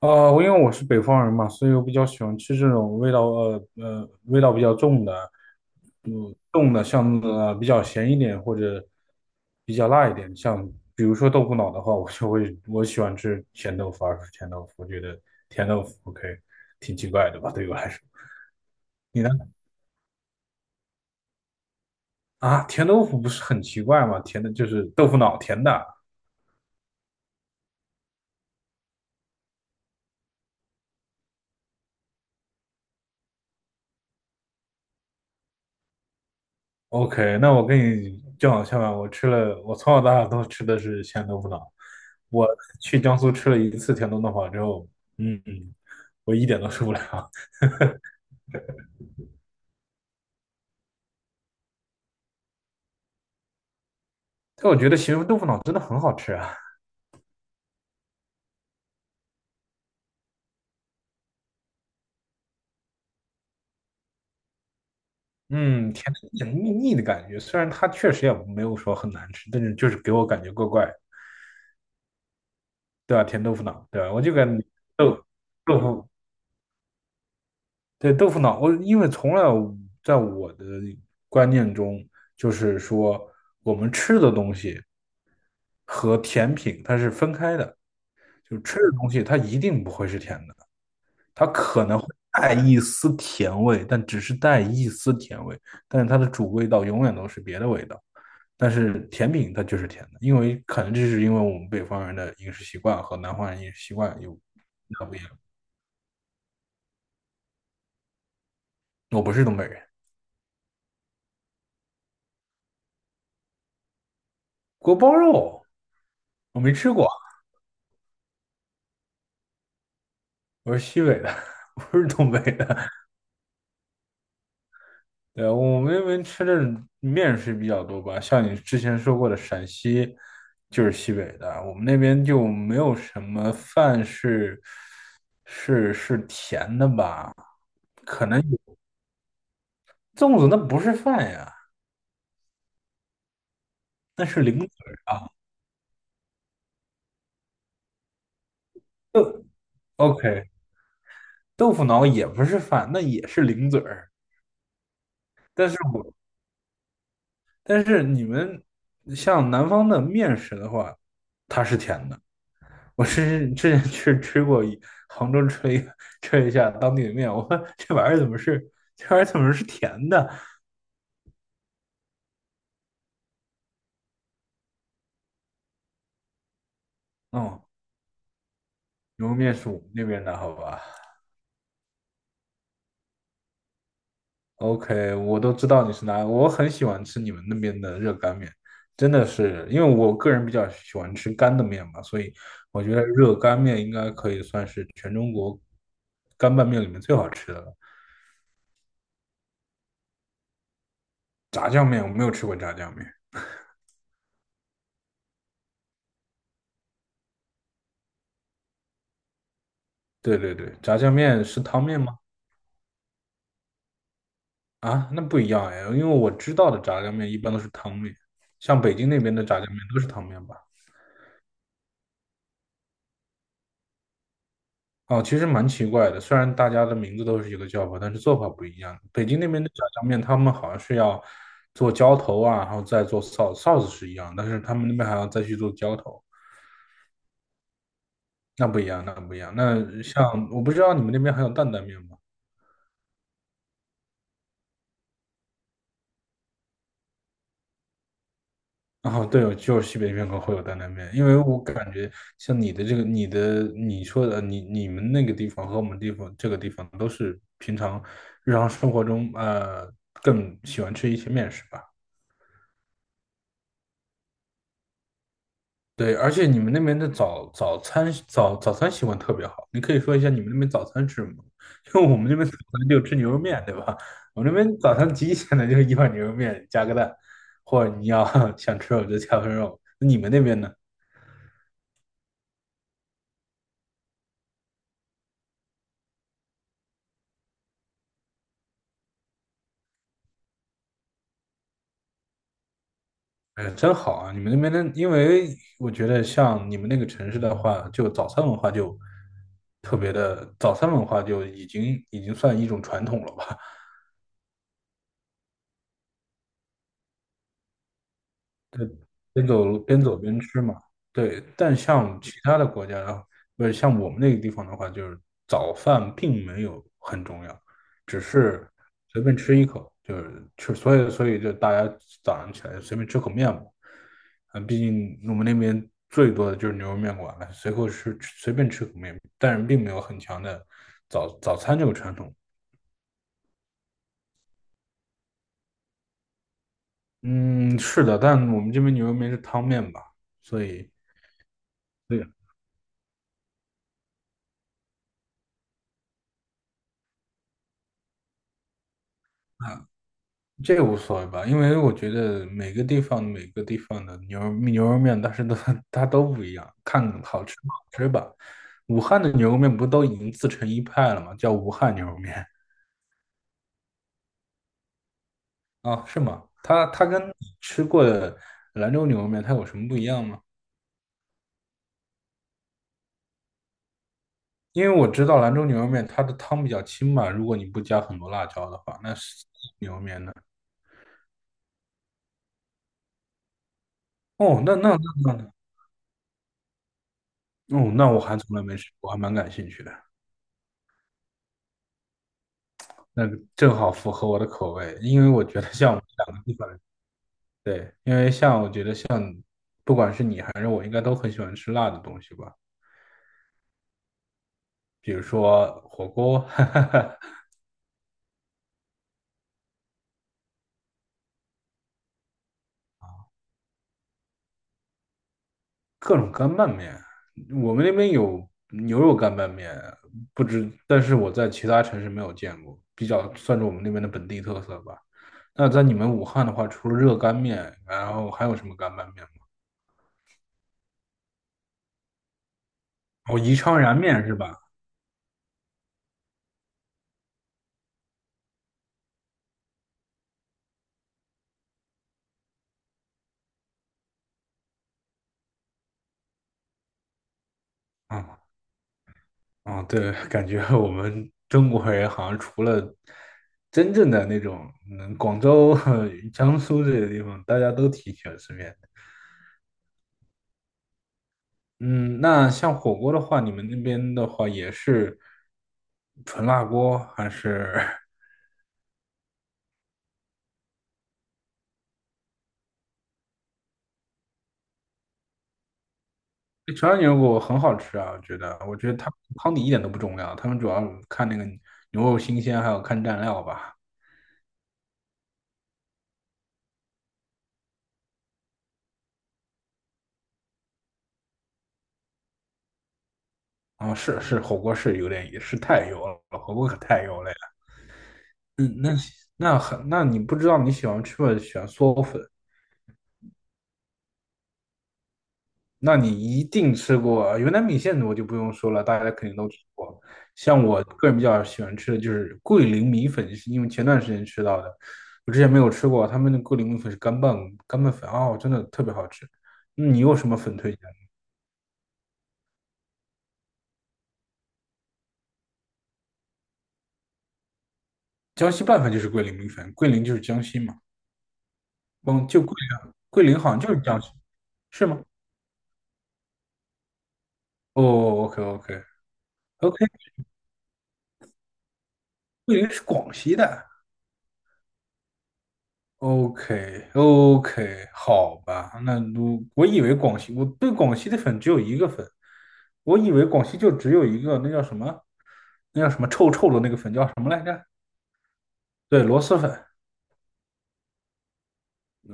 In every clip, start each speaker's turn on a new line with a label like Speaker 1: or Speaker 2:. Speaker 1: 我因为我是北方人嘛，所以我比较喜欢吃这种味道，味道比较重的，嗯，重的像比较咸一点或者比较辣一点，像比如说豆腐脑的话，我就会我喜欢吃咸豆腐，而不是甜豆腐。我觉得甜豆腐 OK，挺奇怪的吧，对我来说。你呢？啊，甜豆腐不是很奇怪吗？甜的就是豆腐脑，甜的。OK，那我跟你正好相反，我吃了，我从小到大都吃的是咸豆腐脑。我去江苏吃了一次甜豆腐脑之后，嗯嗯，我一点都受不了。但我觉得咸州豆腐脑真的很好吃啊。嗯，甜的有点腻腻的感觉，虽然它确实也没有说很难吃，但是就是给我感觉怪怪对吧？甜豆腐脑，对吧？我就感觉豆豆腐对豆腐脑，我因为从来在我的观念中，就是说我们吃的东西和甜品它是分开的，就是吃的东西它一定不会是甜的。它可能会带一丝甜味，但只是带一丝甜味，但是它的主味道永远都是别的味道。但是甜品它就是甜的，因为可能这是因为我们北方人的饮食习惯和南方人饮食习惯有那不一样。我不是东北人，锅包肉我没吃过，我是西北的，不是东北的。对，我们那边吃的面食比较多吧，像你之前说过的，陕西就是西北的，我们那边就没有什么饭是甜的吧？可能有粽子那不是饭呀，那是零嘴儿啊。OK，豆腐脑也不是饭，那也是零嘴儿。但是我。但是你们像南方的面食的话，它是甜的。我是之前去吃过一杭州吃了一下当地的面，我说这玩意儿怎么是这玩意儿怎么是甜的？哦，牛肉面是我们那边的，好吧？OK，我都知道你是哪，我很喜欢吃你们那边的热干面，真的是因为我个人比较喜欢吃干的面嘛，所以我觉得热干面应该可以算是全中国干拌面里面最好吃的了。炸酱面我没有吃过炸酱面。对对对，炸酱面是汤面吗？啊，那不一样哎，因为我知道的炸酱面一般都是汤面，像北京那边的炸酱面都是汤面吧？哦，其实蛮奇怪的，虽然大家的名字都是一个叫法，但是做法不一样。北京那边的炸酱面，他们好像是要做浇头啊，然后再做臊 a u c 是一样，但是他们那边还要再去做浇头，那不一样，那不一样。那像我不知道你们那边还有担担面吗？然后对，有就是西北面和会有担担面，因为我感觉像你的这个、你的、你说的、你你们那个地方和我们地方这个地方都是平常日常生活中更喜欢吃一些面食吧。对，而且你们那边的早早餐习惯特别好，你可以说一下你们那边早餐吃什么？因为我们这边早餐就吃牛肉面，对吧？我们那边早餐极简的就是一碗牛肉面加个蛋，或者你要 想吃肉就加份肉。那你们那边呢？哎，真好啊！你们那边的，因为我觉得像你们那个城市的话，就早餐文化就特别的，早餐文化就已经算一种传统了吧？对，边走边吃嘛。对，但像其他的国家的话不是像我们那个地方的话，就是早饭并没有很重要，只是随便吃一口，就是吃，所以就大家早上起来就随便吃口面嘛。啊，毕竟我们那边最多的就是牛肉面馆了，随便吃口面，但是并没有很强的早早餐这个传统。嗯，是的，但我们这边牛肉面是汤面吧，所以。这个无所谓吧，因为我觉得每个地方的牛肉面，但是都 它都不一样，看好吃不好吃吧。武汉的牛肉面不都已经自成一派了吗？叫武汉牛肉面啊，是吗？它跟你吃过的兰州牛肉面它有什么不一样吗？因为我知道兰州牛肉面它的汤比较清嘛，如果你不加很多辣椒的话，那是牛肉面呢？哦，那那那那，哦，那我还从来没吃过，我还蛮感兴趣的。那个正好符合我的口味，因为我觉得像我们两个地方对，因为像我觉得像不管是你还是我，应该都很喜欢吃辣的东西吧，比如说火锅，哈哈哈。各种干拌面，我们那边有牛肉干拌面，不知，但是我在其他城市没有见过，比较算是我们那边的本地特色吧。那在你们武汉的话，除了热干面，然后还有什么干拌面吗？哦，宜昌燃面是吧？啊、嗯，对，感觉我们中国人好像除了真正的那种，嗯，广州、江苏这些地方，大家都挺喜欢吃面的。嗯，那像火锅的话，你们那边的话也是纯辣锅还是？纯辣牛肉锅很好吃啊，我觉得，我觉得他汤底一点都不重要，他们主要看那个牛肉新鲜，还有看蘸料吧。啊，是是，火锅是有点也是太油了，火锅可太油了。嗯，那你不知道你喜欢吃不喜欢嗦粉，那你一定吃过云南米线，我就不用说了，大家肯定都吃过。像我个人比较喜欢吃的就是桂林米粉，是因为前段时间吃到的，我之前没有吃过，他们的桂林米粉是干拌粉哦，真的特别好吃。你有什么粉推荐？江西拌粉就是桂林米粉，桂林就是江西嘛，嗯，就桂林，桂林好像就是江西，是吗？哦，OK OK OK，桂林是广西的。OK，好吧，那我以为广西，我对广西的粉只有一个粉，我以为广西就只有一个，那叫什么？那叫什么臭臭的那个粉叫什么来着？对，螺蛳粉，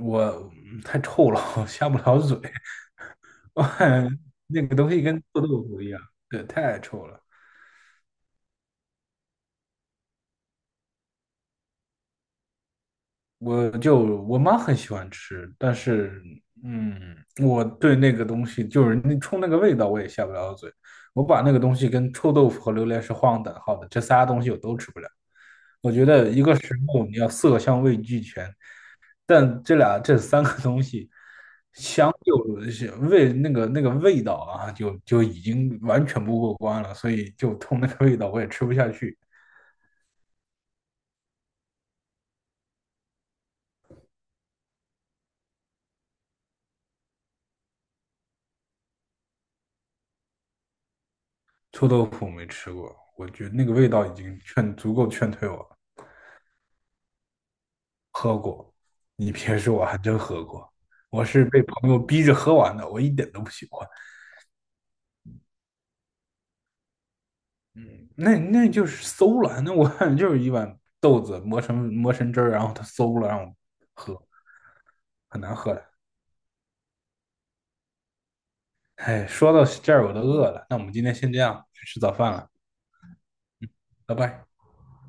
Speaker 1: 我嗯太臭了，我 下不了嘴，我感觉那个东西跟臭豆腐一样，对，太臭了。我就我妈很喜欢吃，但是嗯，我对那个东西就是那冲那个味道我也下不了嘴。我把那个东西跟臭豆腐和榴莲是画上等号的，这仨东西我都吃不了。我觉得一个食物你要色香味俱全，但这俩这三个东西就是味那个那个味道啊，就已经完全不过关了，所以就冲那个味道我也吃不下去。臭豆腐没吃过，我觉得那个味道已经劝足够劝退我了。你别说，我还真喝过，我是被朋友逼着喝完的，我一点都不喜欢。嗯，那那就是馊了，那我 感觉就是一碗豆子磨成汁儿，然后它馊了，让我喝，很难喝的。哎，说到这儿我都饿了，那我们今天先这样，去吃早饭了，拜拜。